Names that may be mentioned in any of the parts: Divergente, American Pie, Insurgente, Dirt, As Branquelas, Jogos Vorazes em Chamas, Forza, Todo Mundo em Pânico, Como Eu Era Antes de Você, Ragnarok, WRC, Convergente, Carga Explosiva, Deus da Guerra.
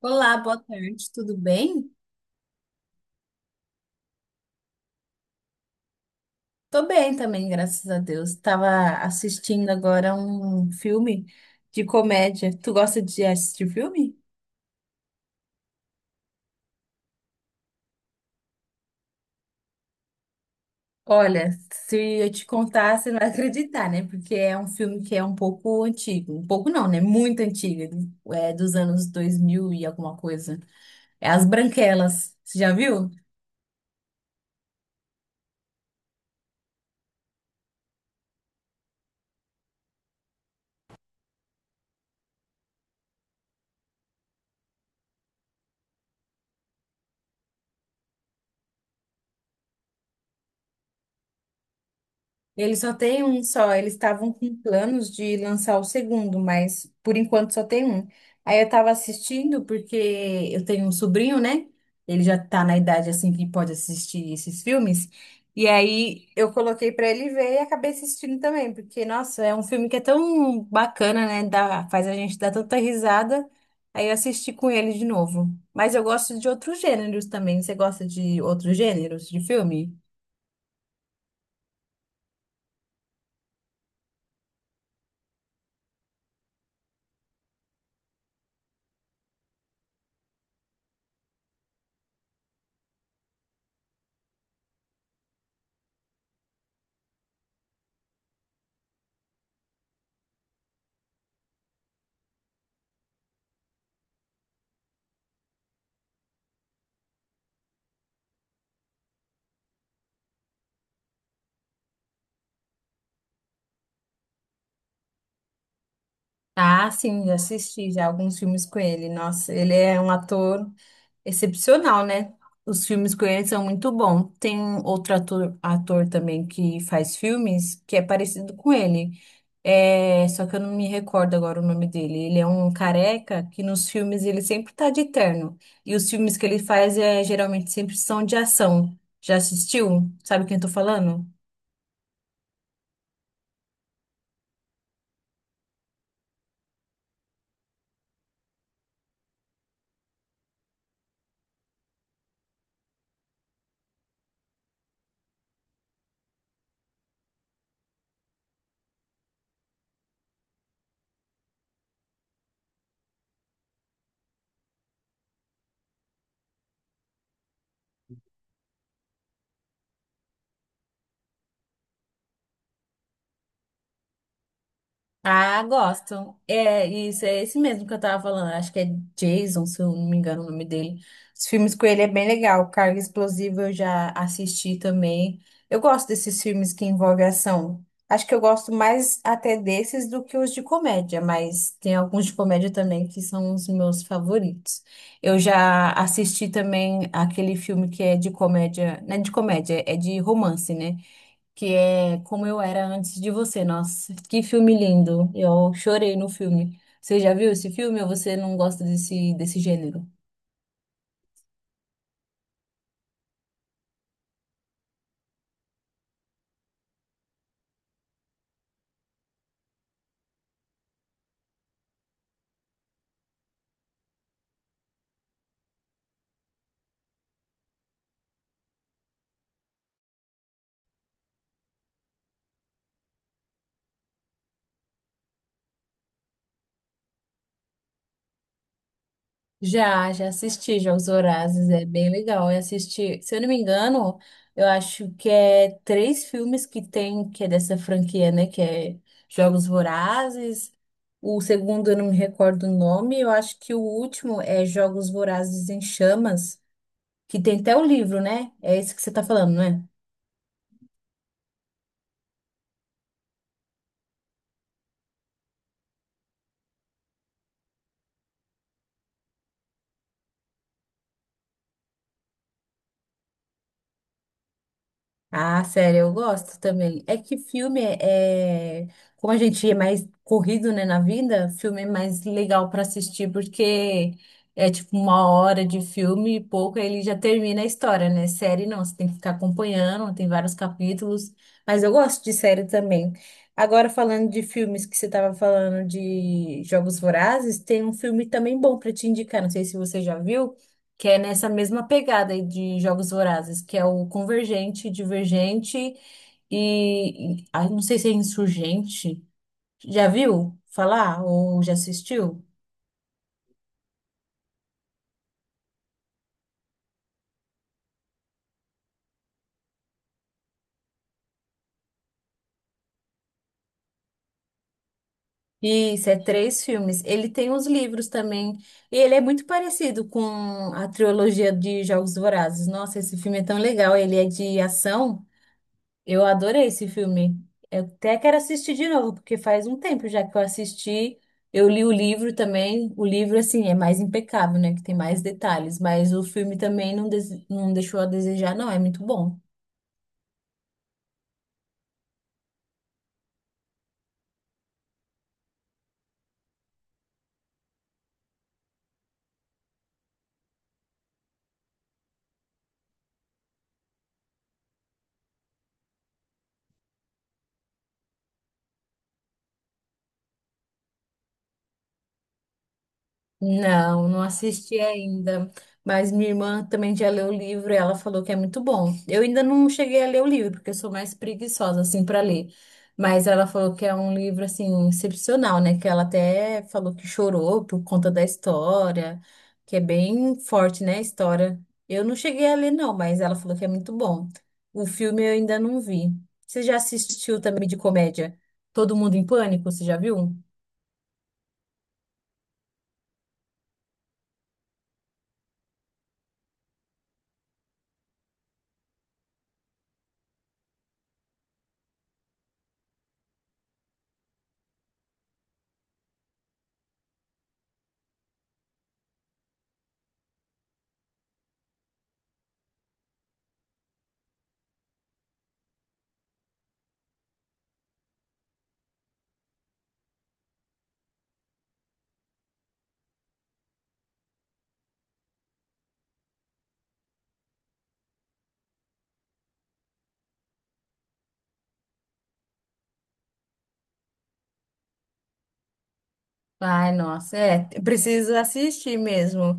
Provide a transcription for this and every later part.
Olá, boa tarde, tudo bem? Tô bem também, graças a Deus. Tava assistindo agora um filme de comédia. Tu gosta de assistir filme? Olha, se eu te contar, você não vai acreditar, né? Porque é um filme que é um pouco antigo. Um pouco não, né? Muito antigo. É dos anos 2000 e alguma coisa. É As Branquelas. Você já viu? Eles só tem um só. Eles estavam com planos de lançar o segundo, mas por enquanto só tem um. Aí eu tava assistindo porque eu tenho um sobrinho, né? Ele já tá na idade assim que pode assistir esses filmes. E aí eu coloquei pra ele ver e acabei assistindo também, porque nossa, é um filme que é tão bacana, né? Dá, faz a gente dar tanta risada. Aí eu assisti com ele de novo. Mas eu gosto de outros gêneros também. Você gosta de outros gêneros de filme? Ah, sim, já assisti já alguns filmes com ele. Nossa, ele é um ator excepcional, né? Os filmes com ele são muito bons. Tem outro ator também que faz filmes que é parecido com ele. É, só que eu não me recordo agora o nome dele. Ele é um careca que nos filmes ele sempre tá de terno. E os filmes que ele faz é, geralmente sempre são de ação. Já assistiu? Sabe quem eu tô falando? Ah, gosto. É, isso é esse mesmo que eu tava falando. Acho que é Jason, se eu não me engano o nome dele. Os filmes com ele é bem legal. Carga Explosiva eu já assisti também. Eu gosto desses filmes que envolvem ação. Acho que eu gosto mais até desses do que os de comédia, mas tem alguns de comédia também que são os meus favoritos. Eu já assisti também aquele filme que é de comédia, não é de comédia, é de romance, né? Que é Como Eu Era Antes de Você. Nossa, que filme lindo. Eu chorei no filme. Você já viu esse filme ou você não gosta desse gênero? Já, já assisti Jogos Vorazes, é bem legal. Eu assisti, se eu não me engano, eu acho que é três filmes que tem, que é dessa franquia, né? Que é Jogos Vorazes. O segundo eu não me recordo o nome, eu acho que o último é Jogos Vorazes em Chamas, que tem até o livro, né? É esse que você tá falando, né? Ah, sério, eu gosto também. É que filme como a gente é mais corrido, né, na vida, filme é mais legal para assistir porque é tipo uma hora de filme e pouco, aí ele já termina a história, né? Série não, você tem que ficar acompanhando, tem vários capítulos, mas eu gosto de série também. Agora falando de filmes que você estava falando de Jogos Vorazes, tem um filme também bom para te indicar, não sei se você já viu que é nessa mesma pegada aí de Jogos Vorazes, que é o Convergente, Divergente e não sei se é Insurgente. Já viu falar ou já assistiu? Isso, é três filmes. Ele tem os livros também. E ele é muito parecido com a trilogia de Jogos Vorazes. Nossa, esse filme é tão legal. Ele é de ação. Eu adorei esse filme. Eu até quero assistir de novo, porque faz um tempo já que eu assisti. Eu li o livro também. O livro, assim, é mais impecável, né? Que tem mais detalhes. Mas o filme também não, não deixou a desejar, não. É muito bom. Não, não assisti ainda. Mas minha irmã também já leu o livro e ela falou que é muito bom. Eu ainda não cheguei a ler o livro, porque eu sou mais preguiçosa, assim, para ler. Mas ela falou que é um livro, assim, excepcional, né? Que ela até falou que chorou por conta da história, que é bem forte, né, a história. Eu não cheguei a ler, não, mas ela falou que é muito bom. O filme eu ainda não vi. Você já assistiu também de comédia? Todo Mundo em Pânico, você já viu? Ai, nossa, é, eu preciso assistir mesmo.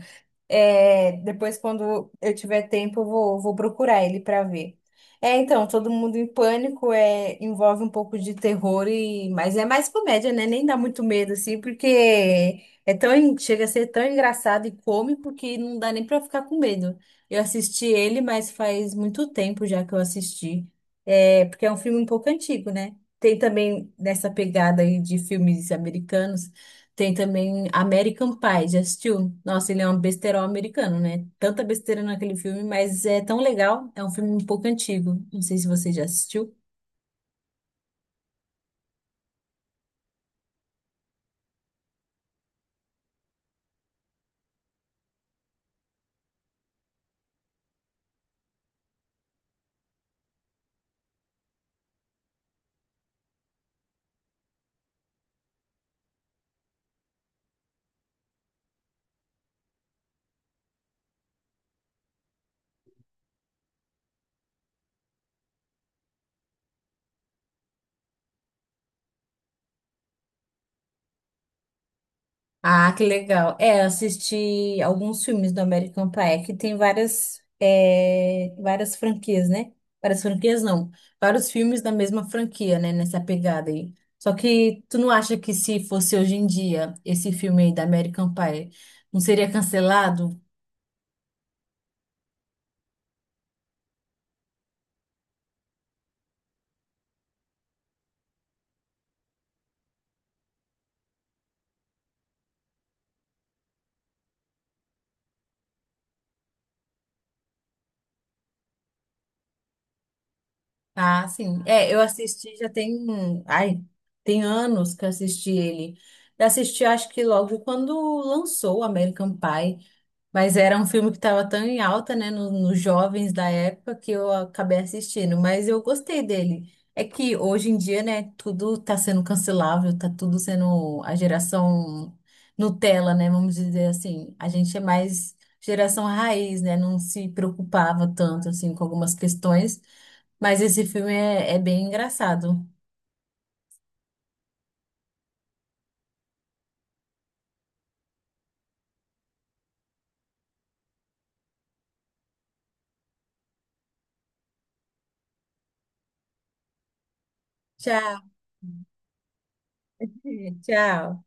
É, depois, quando eu tiver tempo, eu vou procurar ele para ver. É, então, Todo Mundo em Pânico envolve um pouco de terror, mas é mais comédia, né? Nem dá muito medo, assim, porque é tão, chega a ser tão engraçado e cômico que não dá nem para ficar com medo. Eu assisti ele, mas faz muito tempo já que eu assisti. É, porque é um filme um pouco antigo, né? Tem também nessa pegada aí de filmes americanos. Tem também American Pie, já assistiu? Nossa, ele é um besterol americano, né? Tanta besteira naquele filme, mas é tão legal. É um filme um pouco antigo. Não sei se você já assistiu. Ah, que legal. É, eu assisti alguns filmes do American Pie, que tem várias franquias, né? Várias franquias, não. Vários filmes da mesma franquia, né? Nessa pegada aí. Só que tu não acha que se fosse hoje em dia esse filme aí da American Pie não seria cancelado? Ah, sim. É, eu assisti já tem, um, ai, tem anos que eu assisti ele. Eu assisti, acho que logo quando lançou o American Pie, mas era um filme que estava tão em alta, né, nos jovens da época que eu acabei assistindo, mas eu gostei dele. É que hoje em dia, né, tudo tá sendo cancelável, tá tudo sendo a geração Nutella, né, vamos dizer assim. A gente é mais geração raiz, né, não se preocupava tanto assim com algumas questões. Mas esse filme é bem engraçado. Tchau, tchau.